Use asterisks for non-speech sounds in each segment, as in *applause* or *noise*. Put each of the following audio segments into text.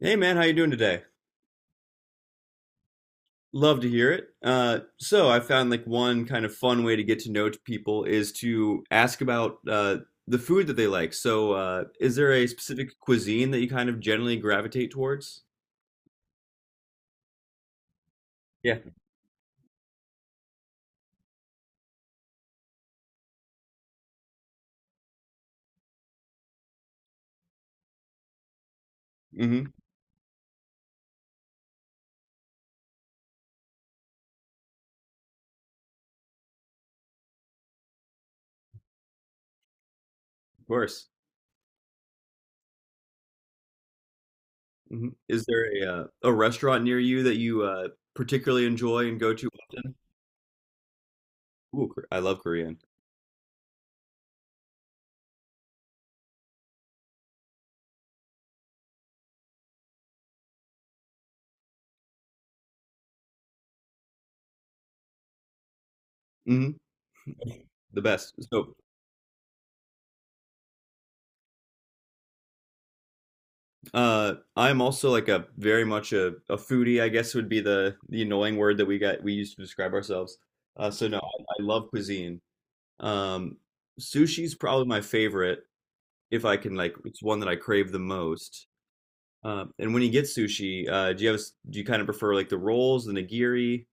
Hey man, how you doing today? Love to hear it. So I found like one kind of fun way to get to know people is to ask about the food that they like. So is there a specific cuisine that you kind of generally gravitate towards? Yeah. Hmm. Of course. Hmm. Is there a restaurant near you that you particularly enjoy and go to? Ooh, Kor- I love Korean. Hmm. The best. So I'm also like a very much a foodie, I guess would be the annoying word that we used to describe ourselves. So no, I love cuisine. Um, Sushi's probably my favorite if I can like it's one that I crave the most. And when you get sushi, do you have a s- do you kind of prefer like the rolls, the nigiri?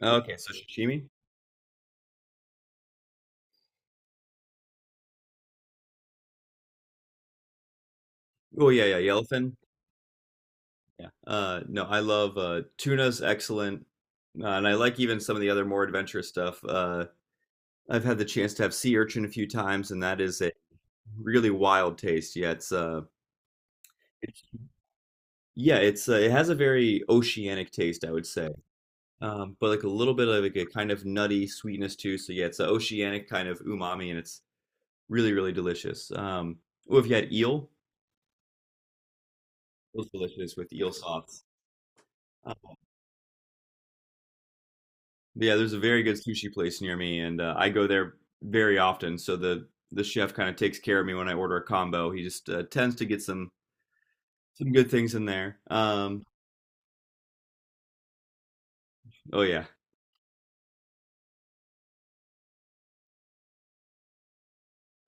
Okay, so sashimi. Oh yeah, yeah, yellowfin. Yeah. No, I love tuna's excellent, and I like even some of the other more adventurous stuff. I've had the chance to have sea urchin a few times, and that is a really wild taste. It's yeah, it has a very oceanic taste, I would say, but like a little bit of like a kind of nutty sweetness too. So yeah, it's an oceanic kind of umami, and it's really really delicious. Well, if you had eel, it was delicious with eel sauce. Um, but there's a very good sushi place near me, and I go there very often. So the chef kind of takes care of me when I order a combo. He just tends to get some good things in there. Oh yeah.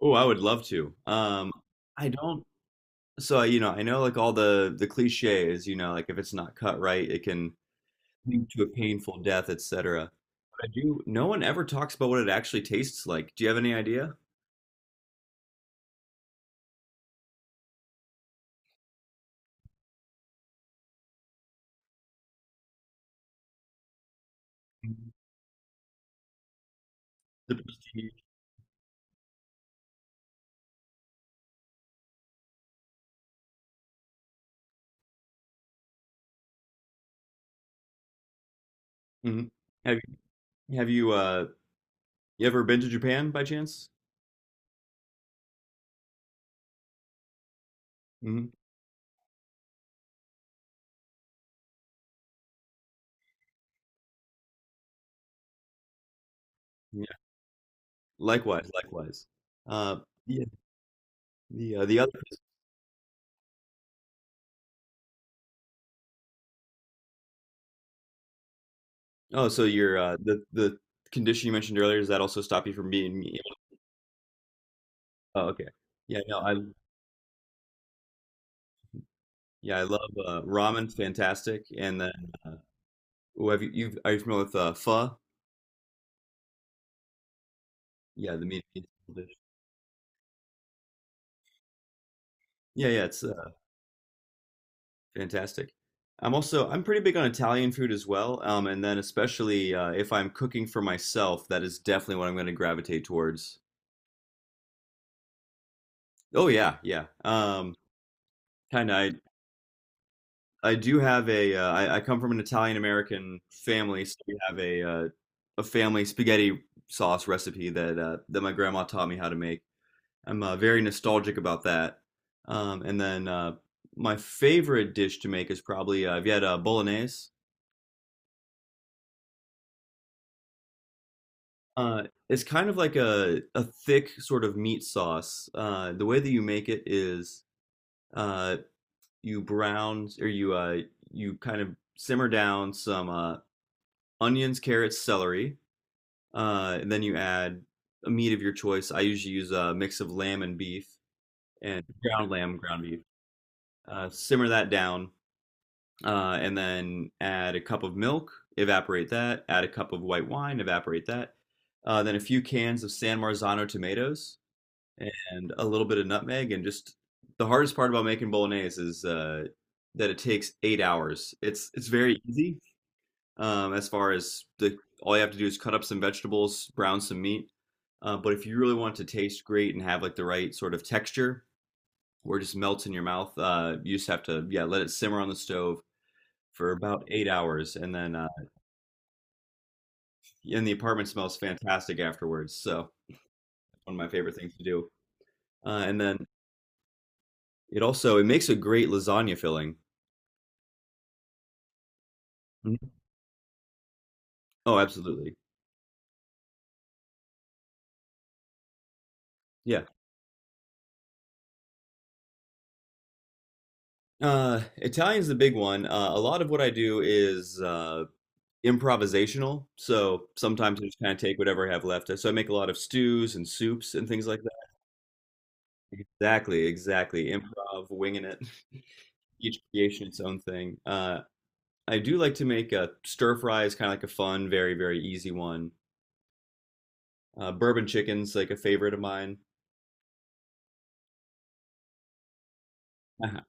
Oh, I would love to. I don't. So you know, I know like all the cliches. You know, like if it's not cut right, it can lead to a painful death, etc. But I do. No one ever talks about what it actually tastes like. Do you have any idea? Mhm. The Prestige. Mhm. Have have you ever been to Japan by chance? Hmm. Yeah. Likewise, likewise. Uh, yeah. The other. Oh, so your the condition you mentioned earlier, does that also stop you from being me? Oh, okay. Yeah, no, I yeah, I love ramen, fantastic. And then, uh, are you familiar with pho? Yeah, the meat *laughs* dish. Yeah, yeah, it's fantastic. I'm pretty big on Italian food as well. And then especially if I'm cooking for myself, that is definitely what I'm going to gravitate towards. Oh yeah, yeah. Kind of. I do have a. I come from an Italian American family, so we have a family spaghetti sauce recipe that that my grandma taught me how to make. I'm very nostalgic about that. And then my favorite dish to make is probably have had bolognese? Uh, it's kind of like a thick sort of meat sauce. The way that you make it is uh, you brown or you you kind of simmer down some onions, carrots, celery, and then you add a meat of your choice. I usually use a mix of lamb and beef and ground lamb, ground beef. Simmer that down and then add a cup of milk, evaporate that, add a cup of white wine, evaporate that, then a few cans of San Marzano tomatoes and a little bit of nutmeg. And just the hardest part about making bolognese is that it takes 8 hours. It's very easy as far as the all you have to do is cut up some vegetables, brown some meat. But if you really want it to taste great and have like the right sort of texture, where it just melts in your mouth, you just have to yeah let it simmer on the stove for about 8 hours, and the apartment smells fantastic afterwards. So one of my favorite things to do. And then it also it makes a great lasagna filling. Mhm. Oh, absolutely. Yeah. Italian's the big one. A lot of what I do is improvisational. So sometimes I just kind of take whatever I have left. So I make a lot of stews and soups and things like that. Exactly, exactly. Improv, winging it. *laughs* Each creation its own thing. I do like to make a stir fry is kind of like a fun, very, very easy one. Bourbon chicken's like a favorite of mine. Uh-huh.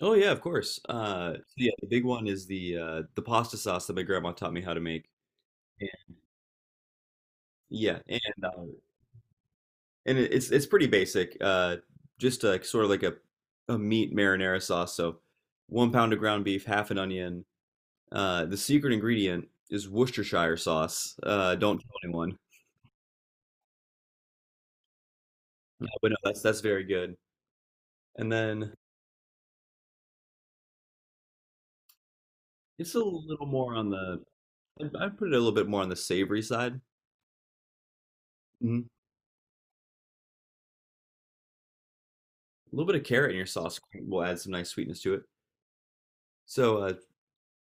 Oh yeah, of course. So yeah, the big one is the pasta sauce that my grandma taught me how to make. And- yeah, and it- it's pretty basic. Just like sort of like a meat marinara sauce. So 1 pound of ground beef, half an onion. The secret ingredient is Worcestershire sauce. Don't tell anyone. But no, that's very good. And then it's a little more on the I put it a little bit more on the savory side. Mhm. A little bit of carrot in your sauce will add some nice sweetness to it. So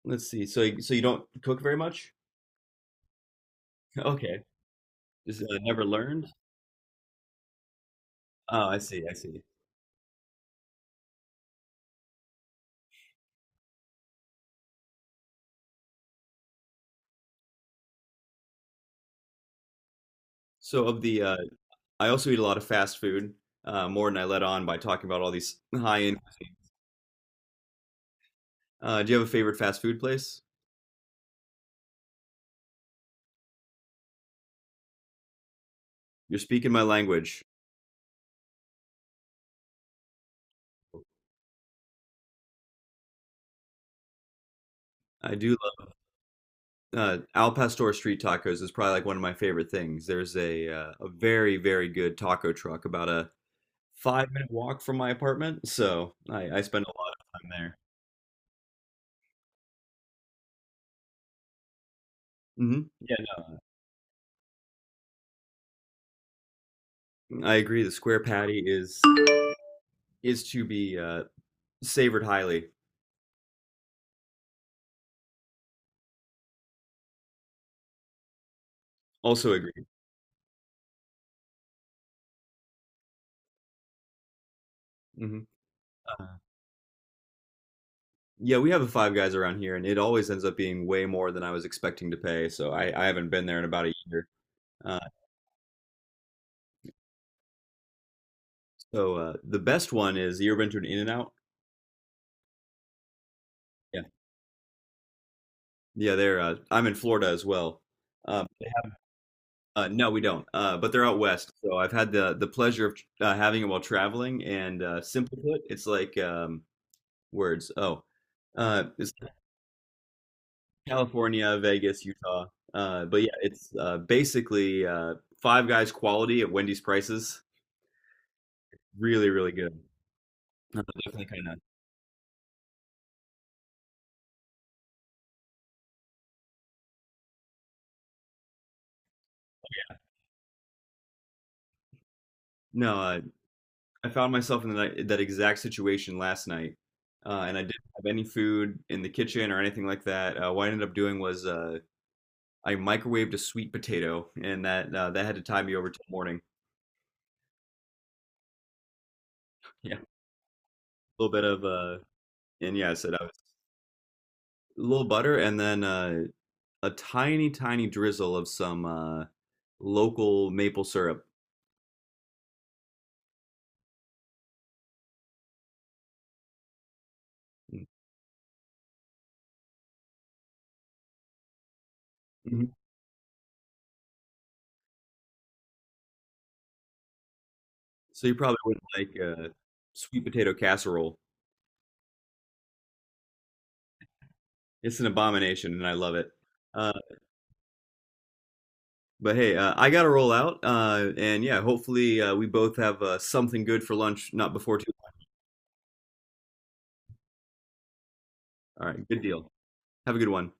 let's see. So you don't cook very much? *laughs* Okay, just never learned. Oh, I see. I see. So of the, I also eat a lot of fast food, more than I let on by talking about all these *laughs* high end. Do you have a favorite fast food place? You're speaking my language. I do love Al Pastor street tacos is probably like one of my favorite things. There's a very very good taco truck about a 5 minute walk from my apartment, so I spend a lot of time there. Hmm. Yeah, no, I agree. The square patty is to be savored highly. Also agree. Hmm. Uh, yeah, we have a Five Guys around here, and it always ends up being way more than I was expecting to pay. So I haven't been there in about a year. Uh, so the best one is you ever been to an In-N-Out? Yeah, yeah. They're I'm in Florida as well. Um, no, we don't. But they're out west, so I've had the pleasure of having it while traveling. And simply put, it's like words. Oh, it's like California, Vegas, Utah. But yeah, it's basically Five Guys quality at Wendy's prices. Really, really good. Definitely kind of. No, I found myself in that exact situation last night, and I didn't have any food in the kitchen or anything like that. What I ended up doing was I microwaved a sweet potato, and that had to tide me over till morning. Yeah, a little bit of and yeah, I said I was a little butter, and then a tiny, tiny drizzle of some local maple syrup. Mhm. So you probably wouldn't like sweet potato casserole. It's an abomination, and I love it. Uh, but hey, I gotta roll out, and yeah, hopefully we both have something good for lunch, not before too long. All right, good deal. Have a good one.